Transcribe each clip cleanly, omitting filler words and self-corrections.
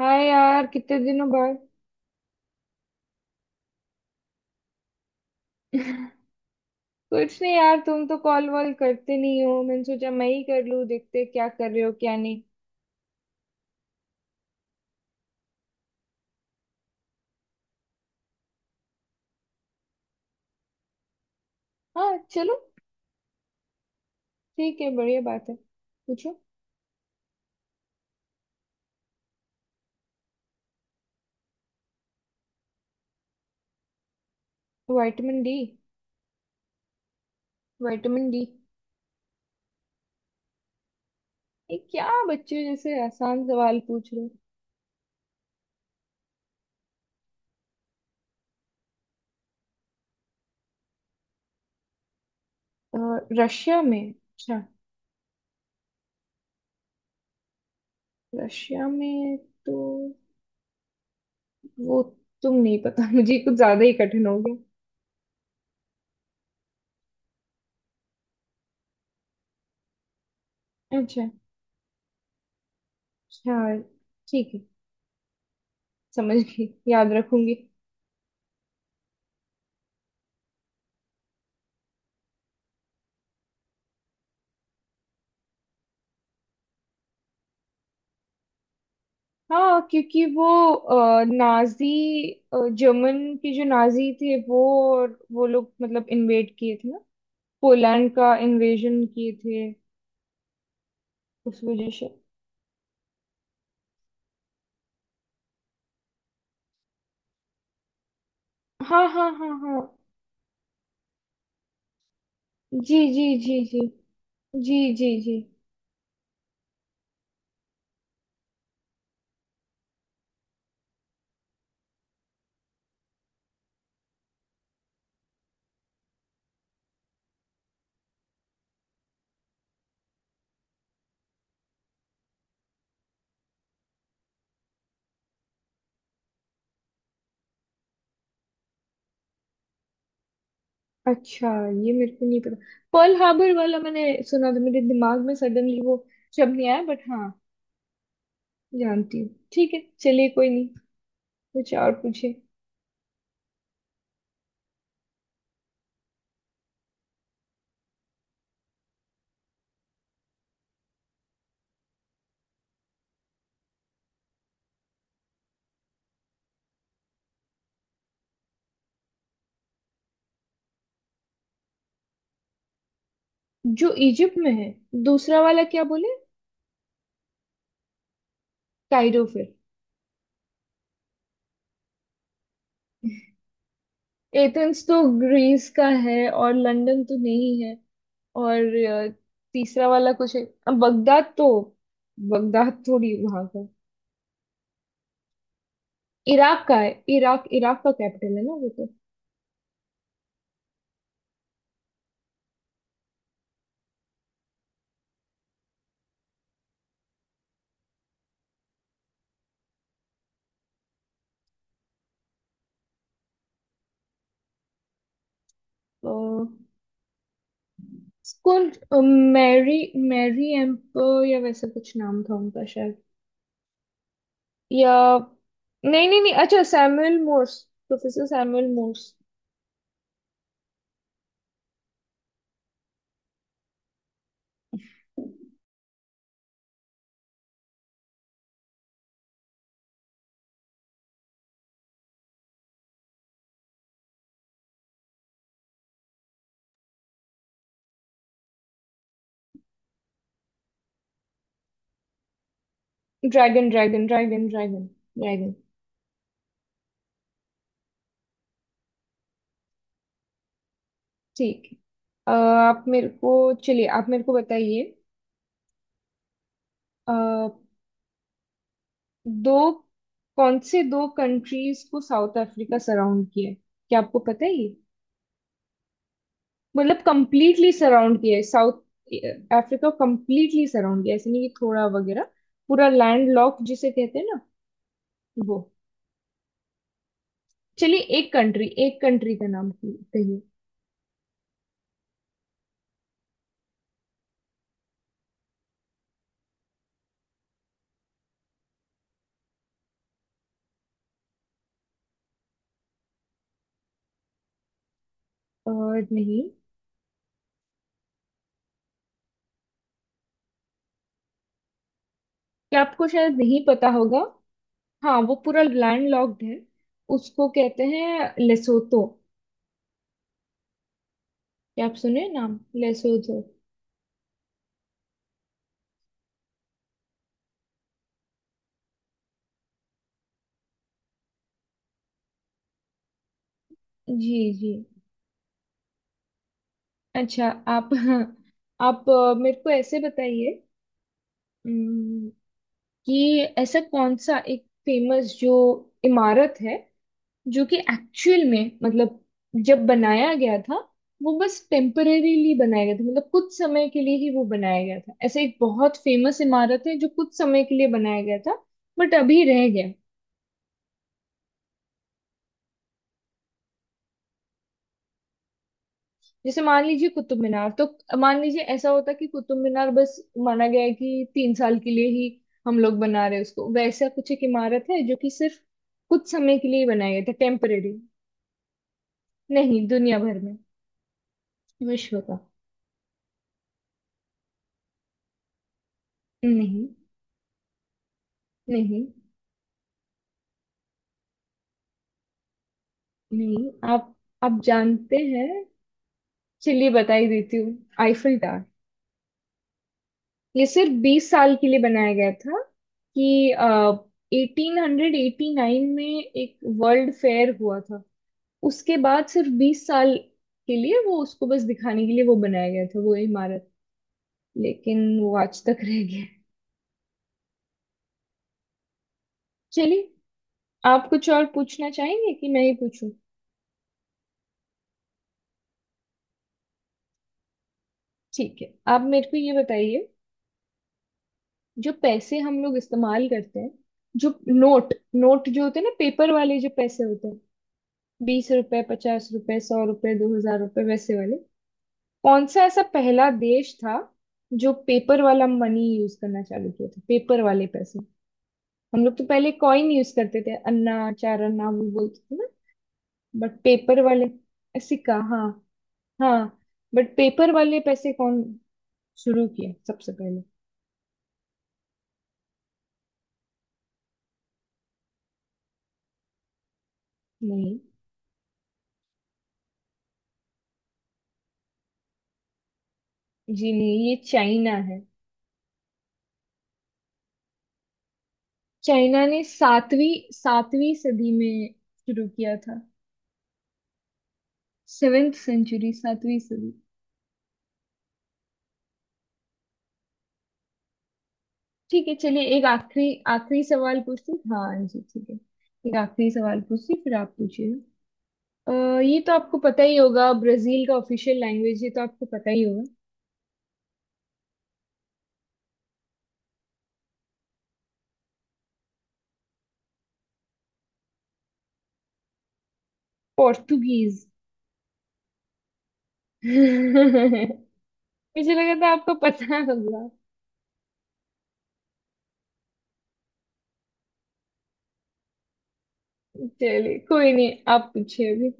हाय यार, कितने दिनों बाद। कुछ नहीं यार, तुम तो कॉल वॉल करते नहीं हो। मैंने सोचा मैं ही कर लूं, देखते क्या कर रहे हो क्या नहीं। हाँ चलो। ठीक है, बढ़िया बात है। पूछो। Vitamin D. Vitamin D. ये क्या बच्चे जैसे आसान सवाल पूछ रहे हो? रशिया में? अच्छा, रशिया में तो वो, तुम नहीं पता। मुझे कुछ ज्यादा ही कठिन हो गया। अच्छा। अच्छा, ठीक है। समझ गई, याद रखूंगी। हाँ, क्योंकि वो नाजी, जर्मन के जो नाजी थे वो, और वो लोग मतलब इन्वेड किए थे ना, पोलैंड का इन्वेजन किए थे, उस वजह से। हाँ हाँ हाँ हाँ। जी जी जी जी। जी जी जी। अच्छा, ये मेरे को नहीं पता। पर्ल हार्बर वाला मैंने सुना था, मेरे दिमाग में सडनली वो शब्द नहीं आया, बट हाँ, जानती हूँ। ठीक है चलिए, कोई नहीं। कुछ और पूछे। जो इजिप्ट में है? दूसरा वाला क्या बोले? कायरो फिर। एथेंस तो ग्रीस का है, और लंदन तो नहीं है। और तीसरा वाला कुछ है? अब बगदाद तो, बगदाद थोड़ी वहां का, इराक का है। इराक, इराक का कैपिटल है ना वो तो। अ, कौन, मैरी, मैरी एम्पर या वैसा कुछ नाम था उनका शायद, या, नहीं नहीं नहीं, अच्छा, Samuel Morse. Professor Samuel Morse. Dragon dragon dragon dragon dragon. ठीक है। आप मेरे को, चलिए आप मेरे को बताइए। अ, दो, कौन से दो कंट्रीज को साउथ अफ्रीका सराउंड किया है? क्या आपको पता है ये? मतलब कंप्लीटली सराउंड किया है, साउथ अफ्रीका कंप्लीटली सराउंड किया है, ऐसे नहीं कि थोड़ा वगैरह। पूरा लैंड लॉक जिसे कहते हैं ना वो। चलिए, एक कंट्री, एक कंट्री का नाम कहिए। और नहीं? क्या आपको शायद नहीं पता होगा। हाँ, वो पूरा लैंड लॉक्ड है। उसको कहते हैं लेसोतो। क्या आप सुने नाम? लेसोतो। जी। जी। अच्छा, आप आप मेरे को ऐसे बताइए। अम, कि ऐसा कौन सा एक फेमस जो इमारत है, जो कि एक्चुअल में मतलब जब बनाया गया था वो बस टेम्परेरीली बनाया गया था, मतलब कुछ समय के लिए ही वो बनाया गया था, ऐसा एक बहुत फेमस इमारत है जो कुछ समय के लिए बनाया गया था, बट अभी रह गया। जैसे मान लीजिए कुतुब मीनार तो, मान लीजिए ऐसा होता कि कुतुब मीनार बस माना गया है कि 3 साल के लिए ही हम लोग बना रहे हैं उसको, वैसा कुछ एक इमारत है जो कि सिर्फ कुछ समय के लिए ही बनाया गया था, टेम्परेरी। नहीं, दुनिया भर में, विश्व का। नहीं नहीं नहीं, आप, आप जानते हैं। चलिए, बता ही देती हूँ, आईफिल टावर। ये सिर्फ 20 साल के लिए बनाया गया था। कि 1889 में एक वर्ल्ड फेयर हुआ था, उसके बाद सिर्फ 20 साल के लिए वो, उसको बस दिखाने के लिए वो बनाया गया था वो इमारत। लेकिन वो आज तक रह गया है। चलिए, आप कुछ और पूछना चाहेंगे कि मैं ही पूछूं? ठीक है, आप मेरे को ये बताइए। जो पैसे हम लोग इस्तेमाल करते हैं, जो नोट नोट जो होते हैं ना, पेपर वाले जो पैसे होते हैं, 20 रुपए, 50 रुपए, 100 रुपए, 2,000 रुपए, वैसे वाले। कौन सा ऐसा पहला देश था जो पेपर वाला मनी यूज करना चालू किया था, पेपर वाले पैसे? हम लोग तो पहले कॉइन यूज करते थे, अन्ना, 4 अन्ना वो बोलते थे ना। बट पेपर वाले, सिक्का, हाँ। हाँ, बट पेपर वाले पैसे कौन शुरू किए सबसे पहले? नहीं। जी नहीं, ये चाइना है। चाइना ने सातवीं सातवीं सदी में शुरू किया था, सेवेंथ सेंचुरी, सातवीं सदी। ठीक है चलिए, एक आखिरी, आखिरी सवाल पूछती, हाँ जी ठीक है, एक आखिरी सवाल पूछती फिर आप पूछिए। अ, ये तो आपको पता ही होगा, ब्राजील का ऑफिशियल लैंग्वेज, ये तो आपको पता ही होगा। पोर्टुगीज। मुझे लगा था आपको पता होगा। चलिए कोई नहीं, आप पूछिए अभी।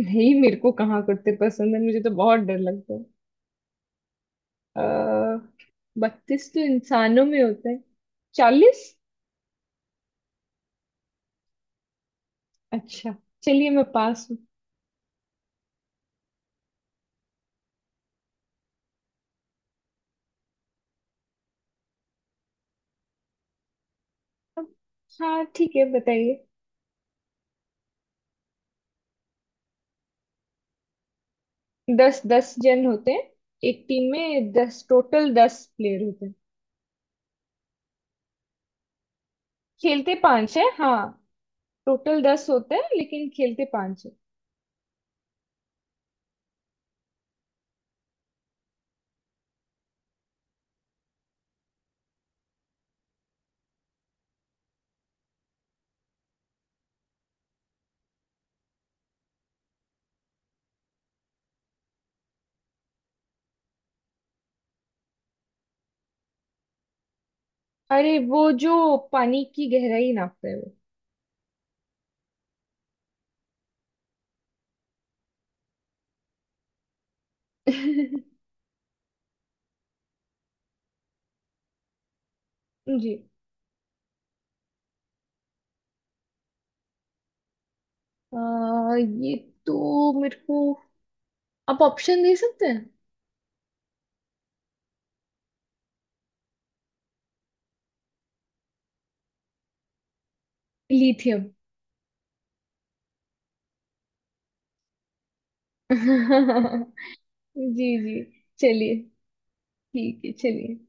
नहीं, मेरे को कहाँ करते पसंद है, मुझे तो बहुत डर लगता है। अः। 32 तो इंसानों में होता है। 40। अच्छा, चलिए मैं पास हूँ। हाँ ठीक है, बताइए। 10, 10 जन होते हैं। एक टीम में 10, टोटल 10 प्लेयर होते हैं। खेलते पांच है, हाँ। टोटल दस होते हैं, लेकिन खेलते पांच है। अरे वो जो पानी की गहराई नापता है वो। जी। आ, ये तो मेरे को, आप ऑप्शन दे सकते हैं। लिथियम। जी। जी। चलिए ठीक है चलिए।